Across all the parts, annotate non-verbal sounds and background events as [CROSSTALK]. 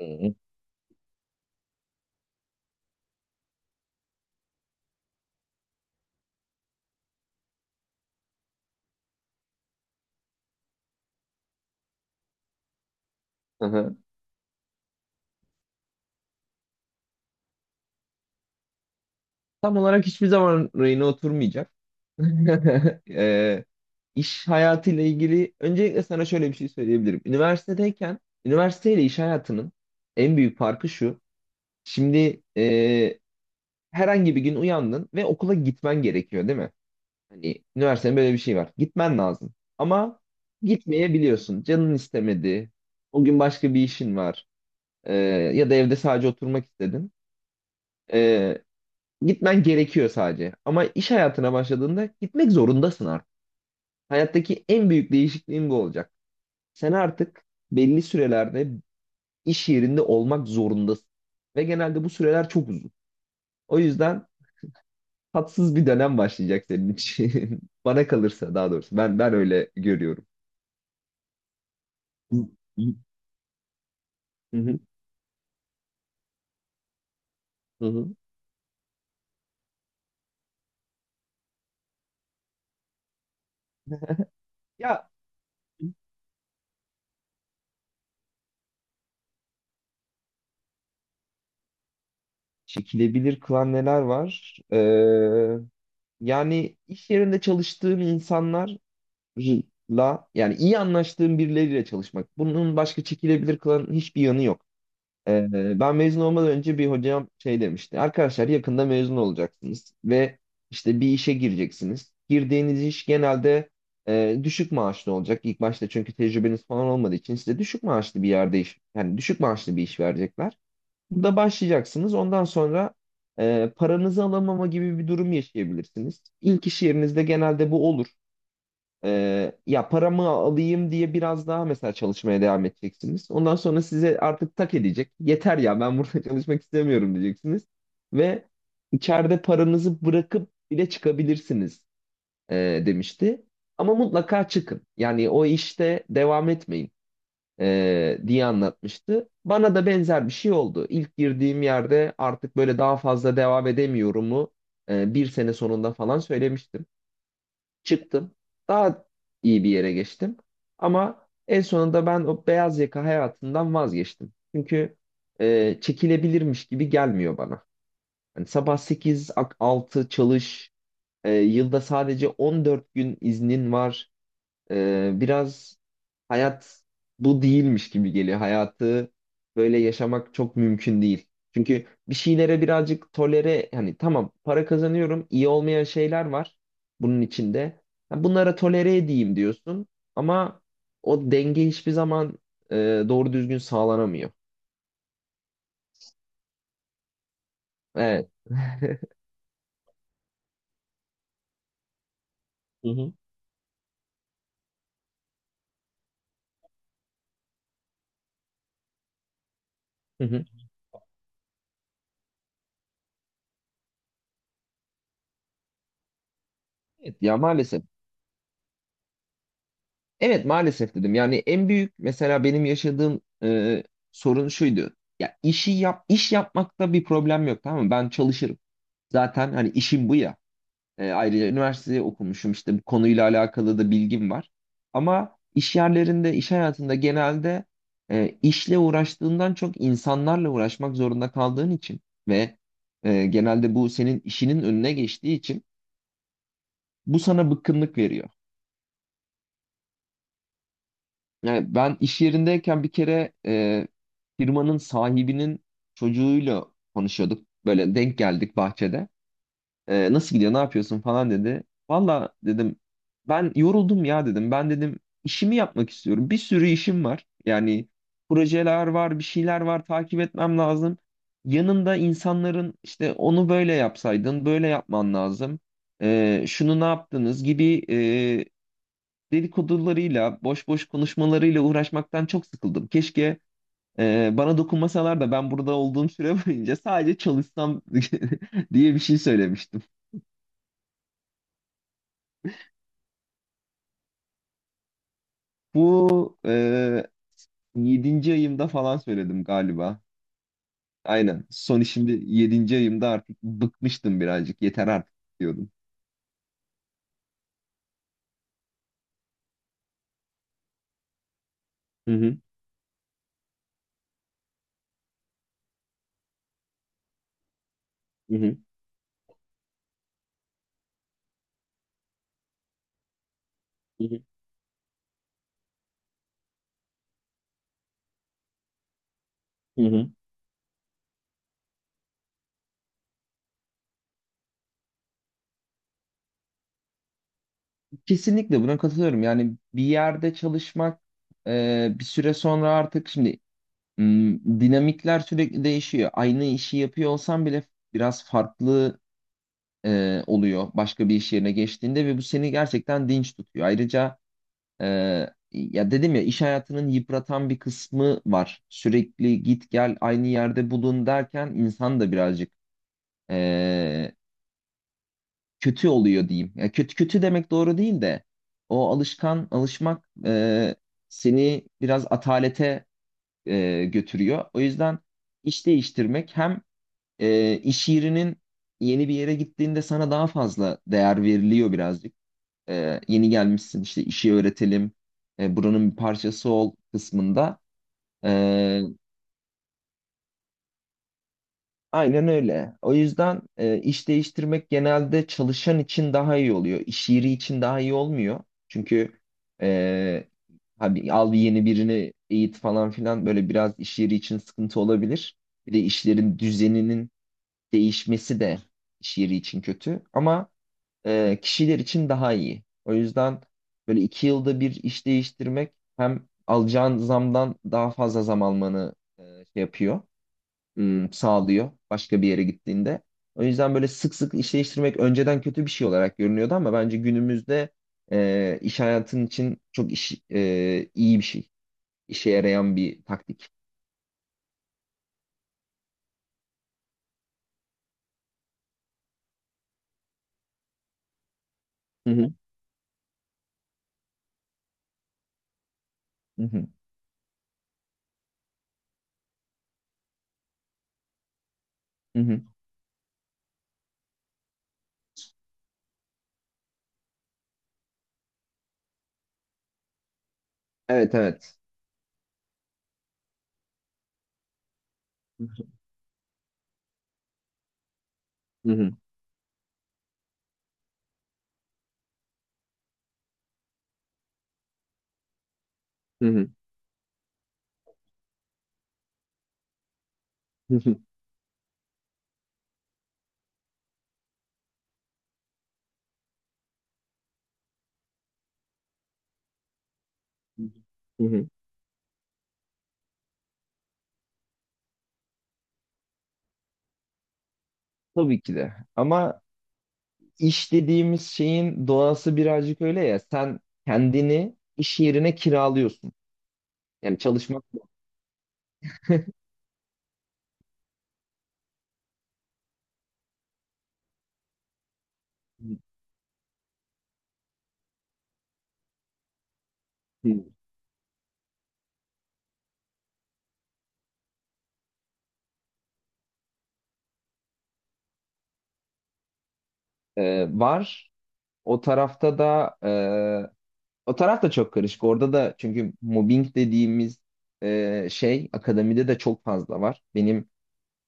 Hı hı. Hı hı. Tam olarak hiçbir zaman rayına oturmayacak. [LAUGHS] Eee iş hayatıyla ilgili öncelikle sana şöyle bir şey söyleyebilirim. Üniversitedeyken üniversiteyle iş hayatının en büyük farkı şu. Şimdi herhangi bir gün uyandın ve okula gitmen gerekiyor, değil mi? Hani üniversitede böyle bir şey var. Gitmen lazım. Ama gitmeyebiliyorsun. Canın istemedi. O gün başka bir işin var. Eee, Ya da evde sadece oturmak istedin. Ee, Gitmen gerekiyor sadece. Ama iş hayatına başladığında gitmek zorundasın artık. Hayattaki en büyük değişikliğin bu olacak. Sen artık belli sürelerde iş yerinde olmak zorundasın. Ve genelde bu süreler çok uzun. O yüzden tatsız bir dönem başlayacak senin için. [LAUGHS] Bana kalırsa daha doğrusu. Ben öyle görüyorum. Hı hı. Hı hı. Hı. Ya çekilebilir kılan neler var? Yani iş yerinde çalıştığım insanlar la yani iyi anlaştığım birileriyle çalışmak. Bunun başka çekilebilir kılan hiçbir yanı yok. Ee, Ben mezun olmadan önce bir hocam şey demişti. Arkadaşlar, yakında mezun olacaksınız ve işte bir işe gireceksiniz. Girdiğiniz iş genelde düşük maaşlı olacak. İlk başta, çünkü tecrübeniz falan olmadığı için size düşük maaşlı bir yerde iş, yani düşük maaşlı bir iş verecekler. Burada başlayacaksınız. Ondan sonra paranızı alamama gibi bir durum yaşayabilirsiniz. İlk iş yerinizde genelde bu olur. Ya paramı alayım diye biraz daha mesela çalışmaya devam edeceksiniz. Ondan sonra size artık tak edecek. Yeter ya, ben burada [LAUGHS] çalışmak istemiyorum diyeceksiniz. Ve içeride paranızı bırakıp bile çıkabilirsiniz, demişti. Ama mutlaka çıkın. Yani o işte devam etmeyin, diye anlatmıştı. Bana da benzer bir şey oldu. İlk girdiğim yerde artık böyle daha fazla devam edemiyorumu bir sene sonunda falan söylemiştim, çıktım. Daha iyi bir yere geçtim. Ama en sonunda ben o beyaz yaka hayatından vazgeçtim. Çünkü çekilebilirmiş gibi gelmiyor bana. Hani sabah 8-6 çalış, yılda sadece 14 gün iznin var. Biraz hayat bu değilmiş gibi geliyor. Hayatı böyle yaşamak çok mümkün değil. Çünkü bir şeylere birazcık tolere, hani tamam, para kazanıyorum, iyi olmayan şeyler var bunun içinde. Ha, bunlara tolere edeyim diyorsun ama o denge hiçbir zaman e, doğru düzgün sağlanamıyor. Evet. Hı hı. [LAUGHS] Hı hı. Evet, ya maalesef. Evet, maalesef dedim. Yani en büyük mesela benim yaşadığım sorun şuydu. Ya işi yap, iş yapmakta bir problem yok, tamam mı? Ben çalışırım. Zaten hani işim bu ya. Ayrıca üniversiteye okumuşum, işte bu konuyla alakalı da bilgim var. Ama iş yerlerinde, iş hayatında genelde işle uğraştığından çok insanlarla uğraşmak zorunda kaldığın için ve genelde bu senin işinin önüne geçtiği için bu sana bıkkınlık veriyor. Yani ben iş yerindeyken bir kere firmanın sahibinin çocuğuyla konuşuyorduk. Böyle denk geldik bahçede. Nasıl gidiyor, ne yapıyorsun falan dedi. Valla dedim, ben yoruldum ya dedim. Ben dedim işimi yapmak istiyorum. Bir sürü işim var. Yani projeler var, bir şeyler var, takip etmem lazım. Yanında insanların işte onu böyle yapsaydın, böyle yapman lazım, şunu ne yaptınız gibi dedikodularıyla, boş boş konuşmalarıyla uğraşmaktan çok sıkıldım. Keşke bana dokunmasalar da ben burada olduğum süre [LAUGHS] boyunca sadece çalışsam [LAUGHS] diye bir şey söylemiştim. Bu 7. ayımda falan söyledim galiba. Aynen. Son işimde yedinci ayımda artık bıkmıştım birazcık. Yeter artık diyordum. Hı hı, hı hı, hı hı. Hı hı. Kesinlikle buna katılıyorum. Yani bir yerde çalışmak bir süre sonra artık şimdi dinamikler sürekli değişiyor. Aynı işi yapıyor olsan bile biraz farklı oluyor başka bir iş yerine geçtiğinde ve bu seni gerçekten dinç tutuyor. Ayrıca e, ya dedim ya, iş hayatının yıpratan bir kısmı var. Sürekli git gel, aynı yerde bulun derken insan da birazcık e, kötü oluyor diyeyim. Ya kötü kötü demek doğru değil de o alışmak seni biraz atalete götürüyor. O yüzden iş değiştirmek, hem iş yerinin yeni bir yere gittiğinde sana daha fazla değer veriliyor birazcık. Yeni gelmişsin işte, işi öğretelim, buranın bir parçası ol kısmında. E, aynen öyle. O yüzden iş değiştirmek genelde çalışan için daha iyi oluyor. İş yeri için daha iyi olmuyor. Çünkü e, abi, al bir yeni birini eğit falan filan, böyle biraz iş yeri için sıkıntı olabilir. Bir de işlerin düzeninin değişmesi de iş yeri için kötü. Ama kişiler için daha iyi. O yüzden böyle 2 yılda bir iş değiştirmek, hem alacağın zamdan daha fazla zam almanı şey yapıyor, sağlıyor başka bir yere gittiğinde. O yüzden böyle sık sık iş değiştirmek önceden kötü bir şey olarak görünüyordu ama bence günümüzde iş hayatın için çok iyi bir şey. İşe yarayan bir taktik. Hı hı, hı hı, hı hı. Evet, evet. Hı hı, hı hı, hı hı, hı hı, hı hı. Tabii ki de. Ama İş dediğimiz şeyin doğası birazcık öyle ya. Sen kendini iş yerine kiralıyorsun. Yani çalışmak. Var. O tarafta da e, O taraf da çok karışık. Orada da, çünkü mobbing dediğimiz şey, akademide de çok fazla var. Benim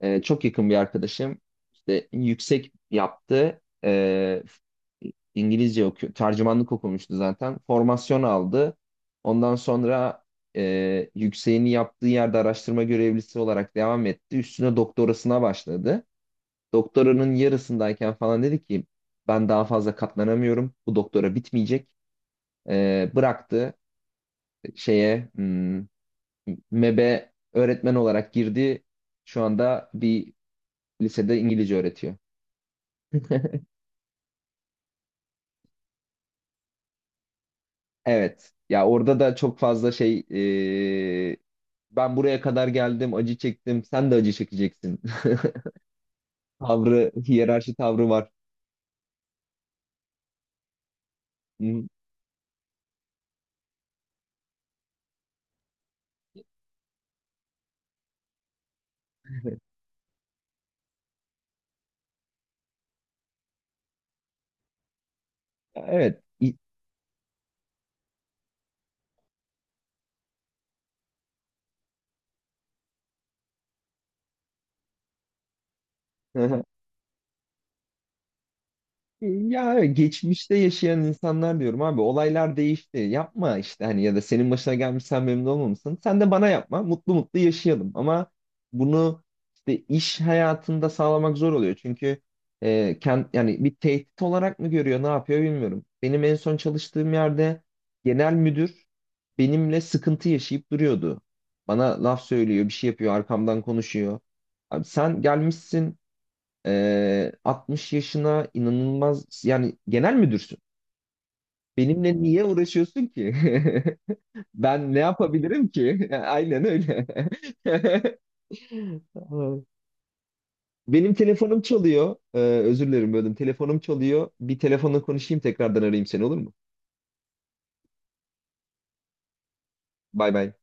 Çok yakın bir arkadaşım işte yüksek yaptı. İngilizce okuyor. Tercümanlık okumuştu zaten. Formasyon aldı. Ondan sonra yükseğini yaptığı yerde araştırma görevlisi olarak devam etti. Üstüne doktorasına başladı. Doktoranın yarısındayken falan dedi ki ben daha fazla katlanamıyorum. Bu doktora bitmeyecek. Bıraktı, şeye hmm, MEB'e öğretmen olarak girdi. Şu anda bir lisede İngilizce öğretiyor. [LAUGHS] Evet. Ya orada da çok fazla şey, e, ben buraya kadar geldim, acı çektim, sen de acı çekeceksin. [LAUGHS] Tavrı, hiyerarşi tavrı var. Hı. Evet. [LAUGHS] Ya evet, geçmişte yaşayan insanlar diyorum abi, olaylar değişti. Yapma işte, hani, ya da senin başına gelmiş, sen memnun olmamışsın. Sen de bana yapma. Mutlu mutlu yaşayalım. Ama bunu işte iş hayatında sağlamak zor oluyor. Çünkü yani bir tehdit olarak mı görüyor ne yapıyor bilmiyorum. Benim en son çalıştığım yerde genel müdür benimle sıkıntı yaşayıp duruyordu. Bana laf söylüyor, bir şey yapıyor, arkamdan konuşuyor. Abi sen gelmişsin 60 yaşına, inanılmaz, yani genel müdürsün. Benimle niye uğraşıyorsun ki? [LAUGHS] Ben ne yapabilirim ki? [LAUGHS] Aynen öyle. [LAUGHS] Benim telefonum çalıyor. Özür dilerim, böldüm. Telefonum çalıyor. Bir telefonla konuşayım, tekrardan arayayım seni, olur mu? Bay bay.